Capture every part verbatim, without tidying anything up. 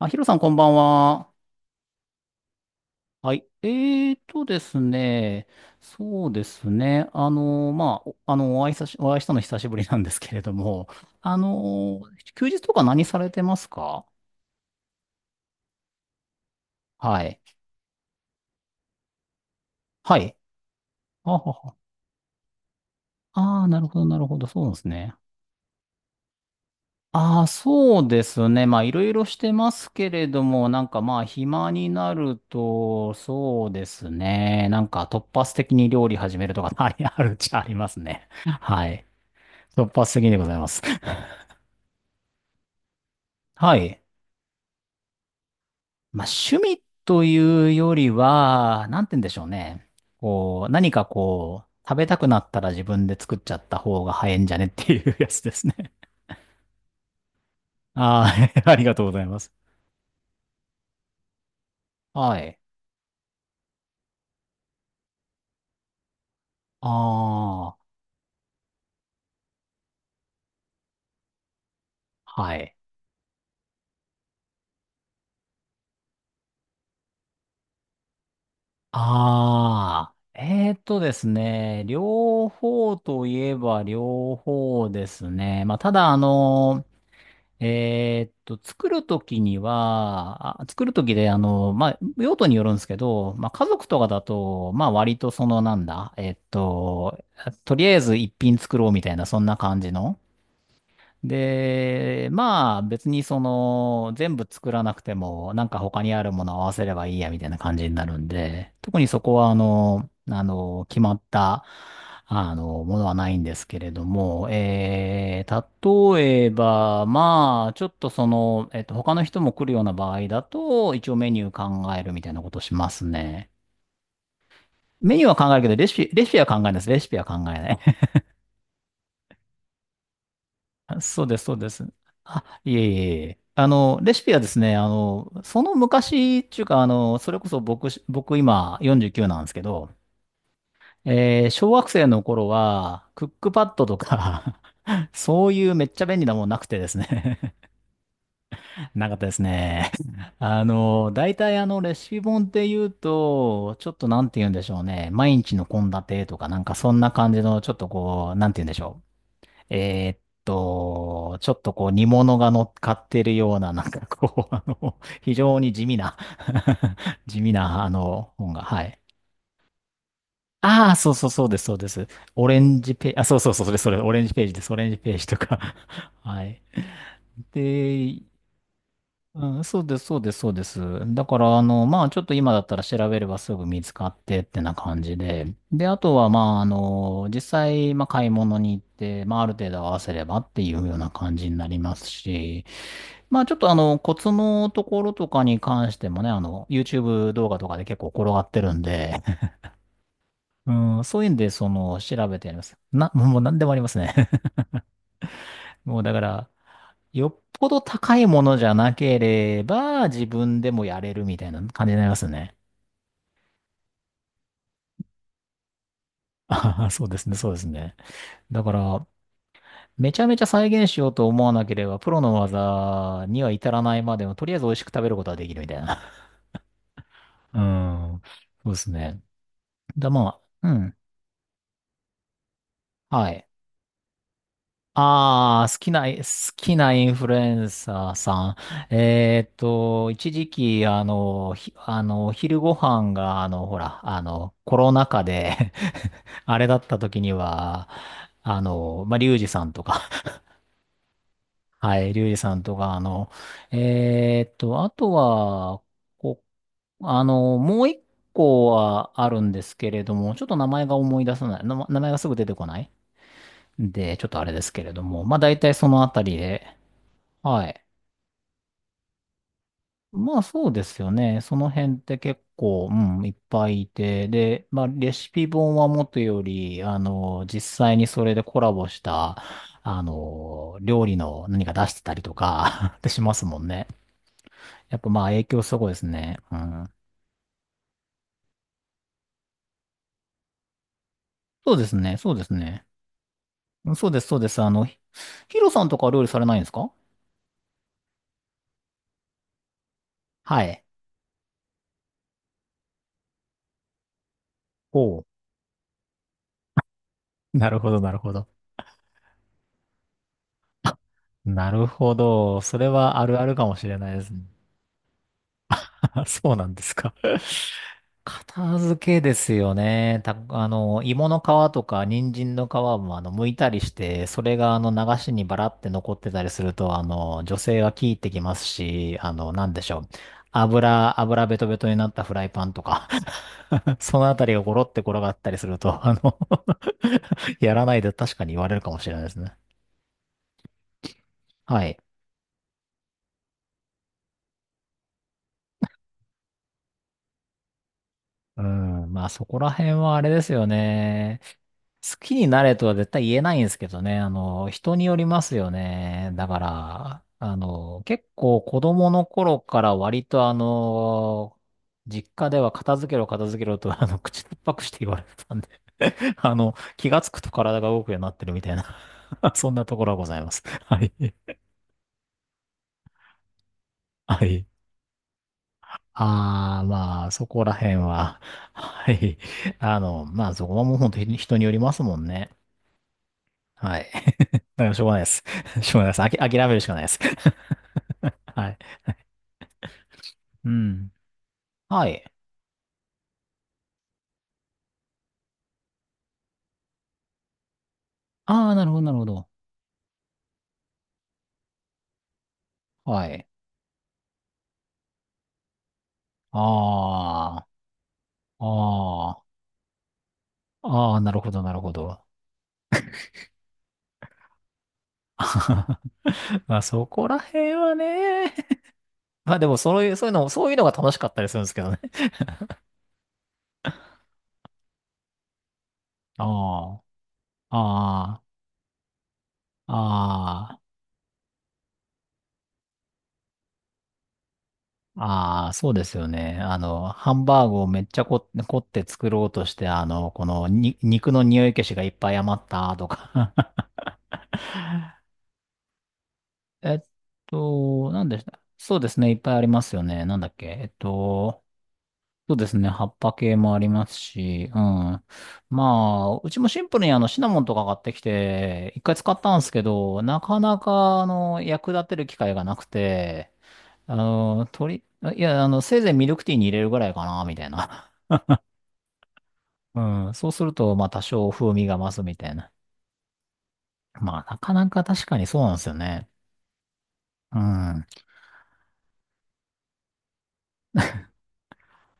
あ、ヒロさん、こんばんは。はい。えーとですね。そうですね。あの、まあ、おあの、お会いさし、お会いしたの久しぶりなんですけれども、あの、休日とか何されてますか？はい。はい。あはは。あー、なるほど、なるほど。そうなんですね。ああ、そうですね。まあ、いろいろしてますけれども、なんかまあ、暇になると、そうですね。なんか突発的に料理始めるとか、ありあるっちゃありますね。はい。突発的でございます。はい。まあ、趣味というよりは、なんて言うんでしょうね。こう、何かこう、食べたくなったら自分で作っちゃった方が早いんじゃねっていうやつですね。ああ、ありがとうございます。はい。ああ、はい。ああ、えーとですね、両方といえば両方ですね。まあ、ただ、あのえーっと、作るときには、あ作るときで、あの、まあ、用途によるんですけど、まあ、家族とかだと、まあ、割とその、なんだ、えーっと、とりあえず一品作ろうみたいな、そんな感じの、で、まあ別にその全部作らなくてもなんか他にあるものを合わせればいいやみたいな感じになるんで、特にそこはあの、あの、決まった、あの、ものはないんですけれども、えー、例えば、まあ、ちょっとその、えっと、他の人も来るような場合だと、一応メニュー考えるみたいなことしますね。メニューは考えるけど、レシピ、レシピは考えないです。レシピは考えない。そうです、そうです。あ、いえいえいえ。あの、レシピはですね、あの、その昔っていうか、あの、それこそ僕し、僕今よんじゅうきゅうなんですけど、えー小学生の頃は、クックパッドとか そういうめっちゃ便利なもんなくてですね。 なかったですね。あの、大体あの、レシピ本って言うと、ちょっとなんて言うんでしょうね。毎日の献立とか、なんかそんな感じの、ちょっとこう、なんて言うんでしょう。えーっと、ちょっとこう煮物が乗っかってるような、なんかこう、あの、非常に地味な、 地味な、あの、本が、はい。ああ、そうそうそうです、そうです。オレンジページ、あ、そうそうそう、それそれ、オレンジページです、オレンジページとか。 はい。で、うん、そうです、そうです、そうです。だから、あの、まあ、ちょっと今だったら調べればすぐ見つかってってな感じで。で、あとは、まあ、あの、実際、まあ、買い物に行って、まあ、ある程度合わせればっていうような感じになりますし、まあ、ちょっと、あの、コツのところとかに関してもね、あの、YouTube 動画とかで結構転がってるんで、うん、そういうんで、その、調べてやります。な、もう何でもありますね。もう、だから、よっぽど高いものじゃなければ、自分でもやれるみたいな感じになりますね。ああ、そうですね、そうですね。だから、めちゃめちゃ再現しようと思わなければ、プロの技には至らないまでも、とりあえず美味しく食べることはできるみたいな。うん。そうですね。だ、まあ、うん。はい。ああ、好きな、好きなインフルエンサーさん。えーっと、一時期、あの、ひ、あの、お昼ご飯が、あの、ほら、あの、コロナ禍で あれだった時には、あの、まあ、リュウジさんとか、はい、リュウジさんとか、あの、えーっと、あとは、こ、あの、もう一個はあるんですけれども、ちょっと名前が思い出さない、な名前がすぐ出てこないんで、ちょっとあれですけれども、まあ、大体そのあたりで、はい。まあそうですよね。その辺って結構、うん、いっぱいいて、で、まあレシピ本はもとより、あの、実際にそれでコラボした、あの、料理の何か出してたりとか ってしますもんね。やっぱまあ影響すごいですね。うん。そうですね、そうですね。うんそうです、そうです。あの、ヒヒロさんとかは料理されないんですか？はい。おう。なるほど、なるほど。あ、なるほど。それはあるあるかもしれないですね。そうなんですか。片付けですよね。た、あの、芋の皮とか人参の皮もあの、剥いたりして、それがあの、流しにバラって残ってたりすると、あの、女性は聞いてきますし、あの、なんでしょう。油、油ベトベトになったフライパンとか、 そのあたりがゴロって転がったりすると、あの、 やらないで確かに言われるかもしれないですね。はい。うん。まあそこら辺はあれですよね。好きになれとは絶対言えないんですけどね。あの、人によりますよね。だから、あの、結構子供の頃から割とあの、実家では片付けろ片付けろと、あの、口突っぱくして言われてたんで、 あの、気がつくと体が動くようになってるみたいな。 そんなところはございます。はい。はい。ああ、まあ、そこら辺は、はい。あの、まあ、そこはもう本当に人によりますもんね。はい。だからしょうがないです。しょうがないです。あき、諦めるしかないです。はい。うん。はい。ああ、なるほど、なるほど。はい。ああ、ああ、ああ、なるほど、なるほど。まあ、そこら辺はね。まあ、でも、そういう、そういうの、そういうのが楽しかったりするんですけどね。ああ、ああ、ああ。ああ、そうですよね。あの、ハンバーグをめっちゃこ、凝って作ろうとして、あの、このに、肉の匂い消しがいっぱい余ったとか。 えっと、なんでしたそうですね。いっぱいありますよね。なんだっけ。えっと、そうですね。葉っぱ系もありますし、うん。まあ、うちもシンプルにあの、シナモンとか買ってきて、一回使ったんですけど、なかなか、あの、役立てる機会がなくて、あの、鳥、いや、あの、せいぜいミルクティーに入れるぐらいかな、みたいな。うん。そうすると、まあ多少風味が増すみたいな。まあなかなか確かにそうなんですよね。うん。あ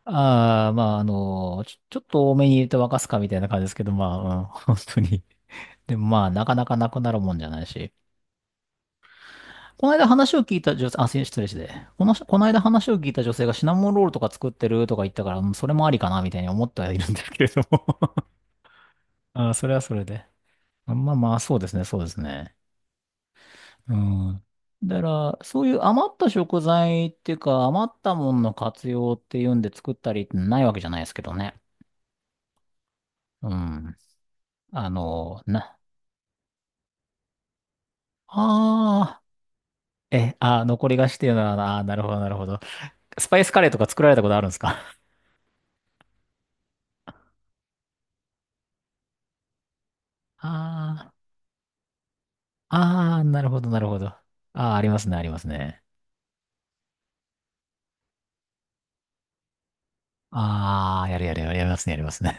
あ、まああの、ちょ、ちょっと多めに入れて沸かすかみたいな感じですけど、まあ、うん、本当に。でもまあなかなかなくなるもんじゃないし。この間話を聞いた女性、あ、失礼して。この、この間話を聞いた女性がシナモンロールとか作ってるとか言ったから、うんそれもありかなみたいに思ってはいるんですけれども。あ、それはそれで。まあまあ、そうですね、そうですね。うん。だから、そういう余った食材っていうか、余ったものの活用っていうんで作ったりってないわけじゃないですけどね。うん。あの、な、ああ、え、あー、残り菓子っていうのはな、あーなるほど、なるほど。スパイスカレーとか作られたことあるんですか？ああ、ああー、なるほど、なるほど。ああ、ありますね、ありますね。ああ、やるやるやる、やりますね、やりますね。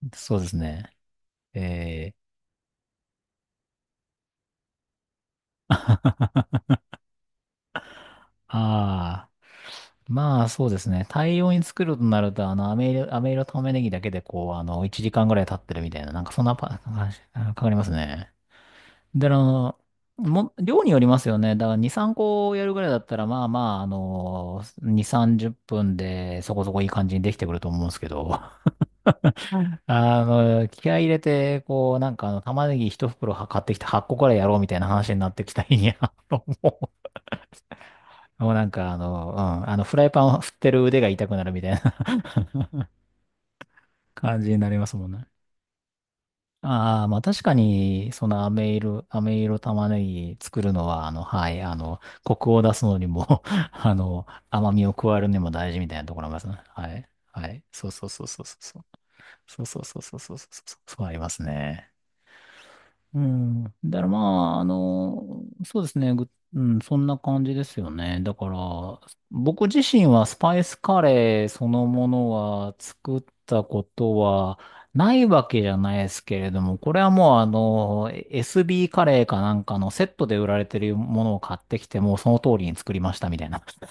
そうですね。えー、ああ。まあそうですね。大量に作るとなると、あの、飴色、飴色玉ねぎだけでこう、あの、いちじかんぐらい経ってるみたいな、なんかそんなパ、話。かかりますね。で、あの、も、量によりますよね。だからに、さんこやるぐらいだったら、まあまあ、あの、に、さんじゅっぷんでそこそこいい感じにできてくると思うんですけど、あの、気合い入れて、こう、なんかあの、玉ねぎいち袋は買ってきてはっこぐらいやろうみたいな話になってきた日に、あの、もう、もうなんかあの、うん、あの、フライパンを振ってる腕が痛くなるみたいな感じになりますもんね。ああ、まあ確かに、その飴色、飴色玉ねぎ作るのは、あの、はい、あの、コクを出すのにも あの、甘みを加えるにも大事みたいなところありますね。はい。はい。そうそうそうそうそう。そうそうそうそうそうそう。そうありますね。うん。だからまあ、あの、そうですね。ぐうん、そんな感じですよね。だから、僕自身はスパイスカレーそのものは作ったことはないわけじゃないですけれども、これはもうあの、エスビー カレーかなんかのセットで売られてるものを買ってきて、もうその通りに作りましたみたいな。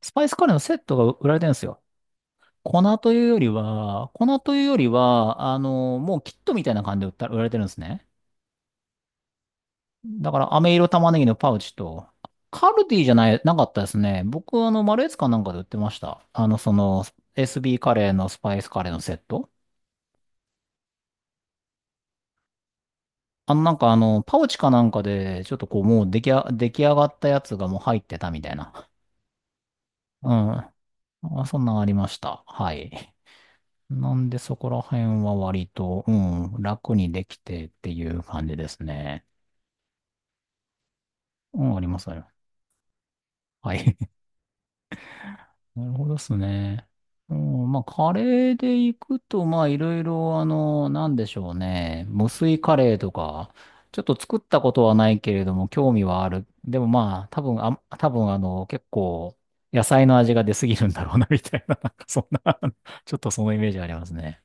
スパイスカレーのセットが売られてるんですよ。粉というよりは、粉というよりは、あの、もうキットみたいな感じで売った売られてるんですね。だから飴色玉ねぎのパウチと、カルディじゃない、なかったですね。僕、あの、マルエツかなんかで売ってました。あの、その、エスビー カレーのスパイスカレーのセット。あの、なんかあの、パウチかなんかで、ちょっとこう、もう出来あ、出来上がったやつがもう入ってたみたいな。うん。あ、そんなんありました。はい。なんでそこら辺は割と、うん、楽にできてっていう感じですね。うん、あります、あります。はい。なるほどっすね。うん、まあ、カレーで行くと、まあ、いろいろ、あの、なんでしょうね。無水カレーとか、ちょっと作ったことはないけれども、興味はある。でもまあ、多分、あ、多分、あの、結構、野菜の味が出すぎるんだろうな、みたいな、なんかそんな ちょっとそのイメージありますね。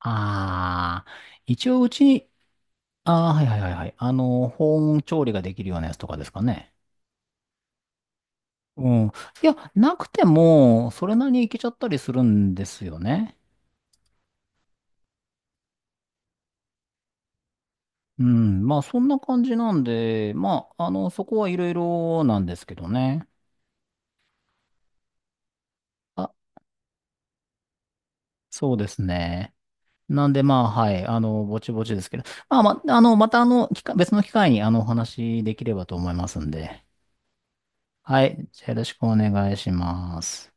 ああ、一応うちに、ああ、はいはいはいはい。あの、保温調理ができるようなやつとかですかね？うん。いや、なくても、それなりにいけちゃったりするんですよね。うん、まあそんな感じなんで、まあ、あの、そこはいろいろなんですけどね。あ、そうですね。なんでまあ、はい、あの、ぼちぼちですけど、まあ、ま、あの、またあの、機会別の機会にあの、お話しできればと思いますんで。はい、じゃあよろしくお願いします。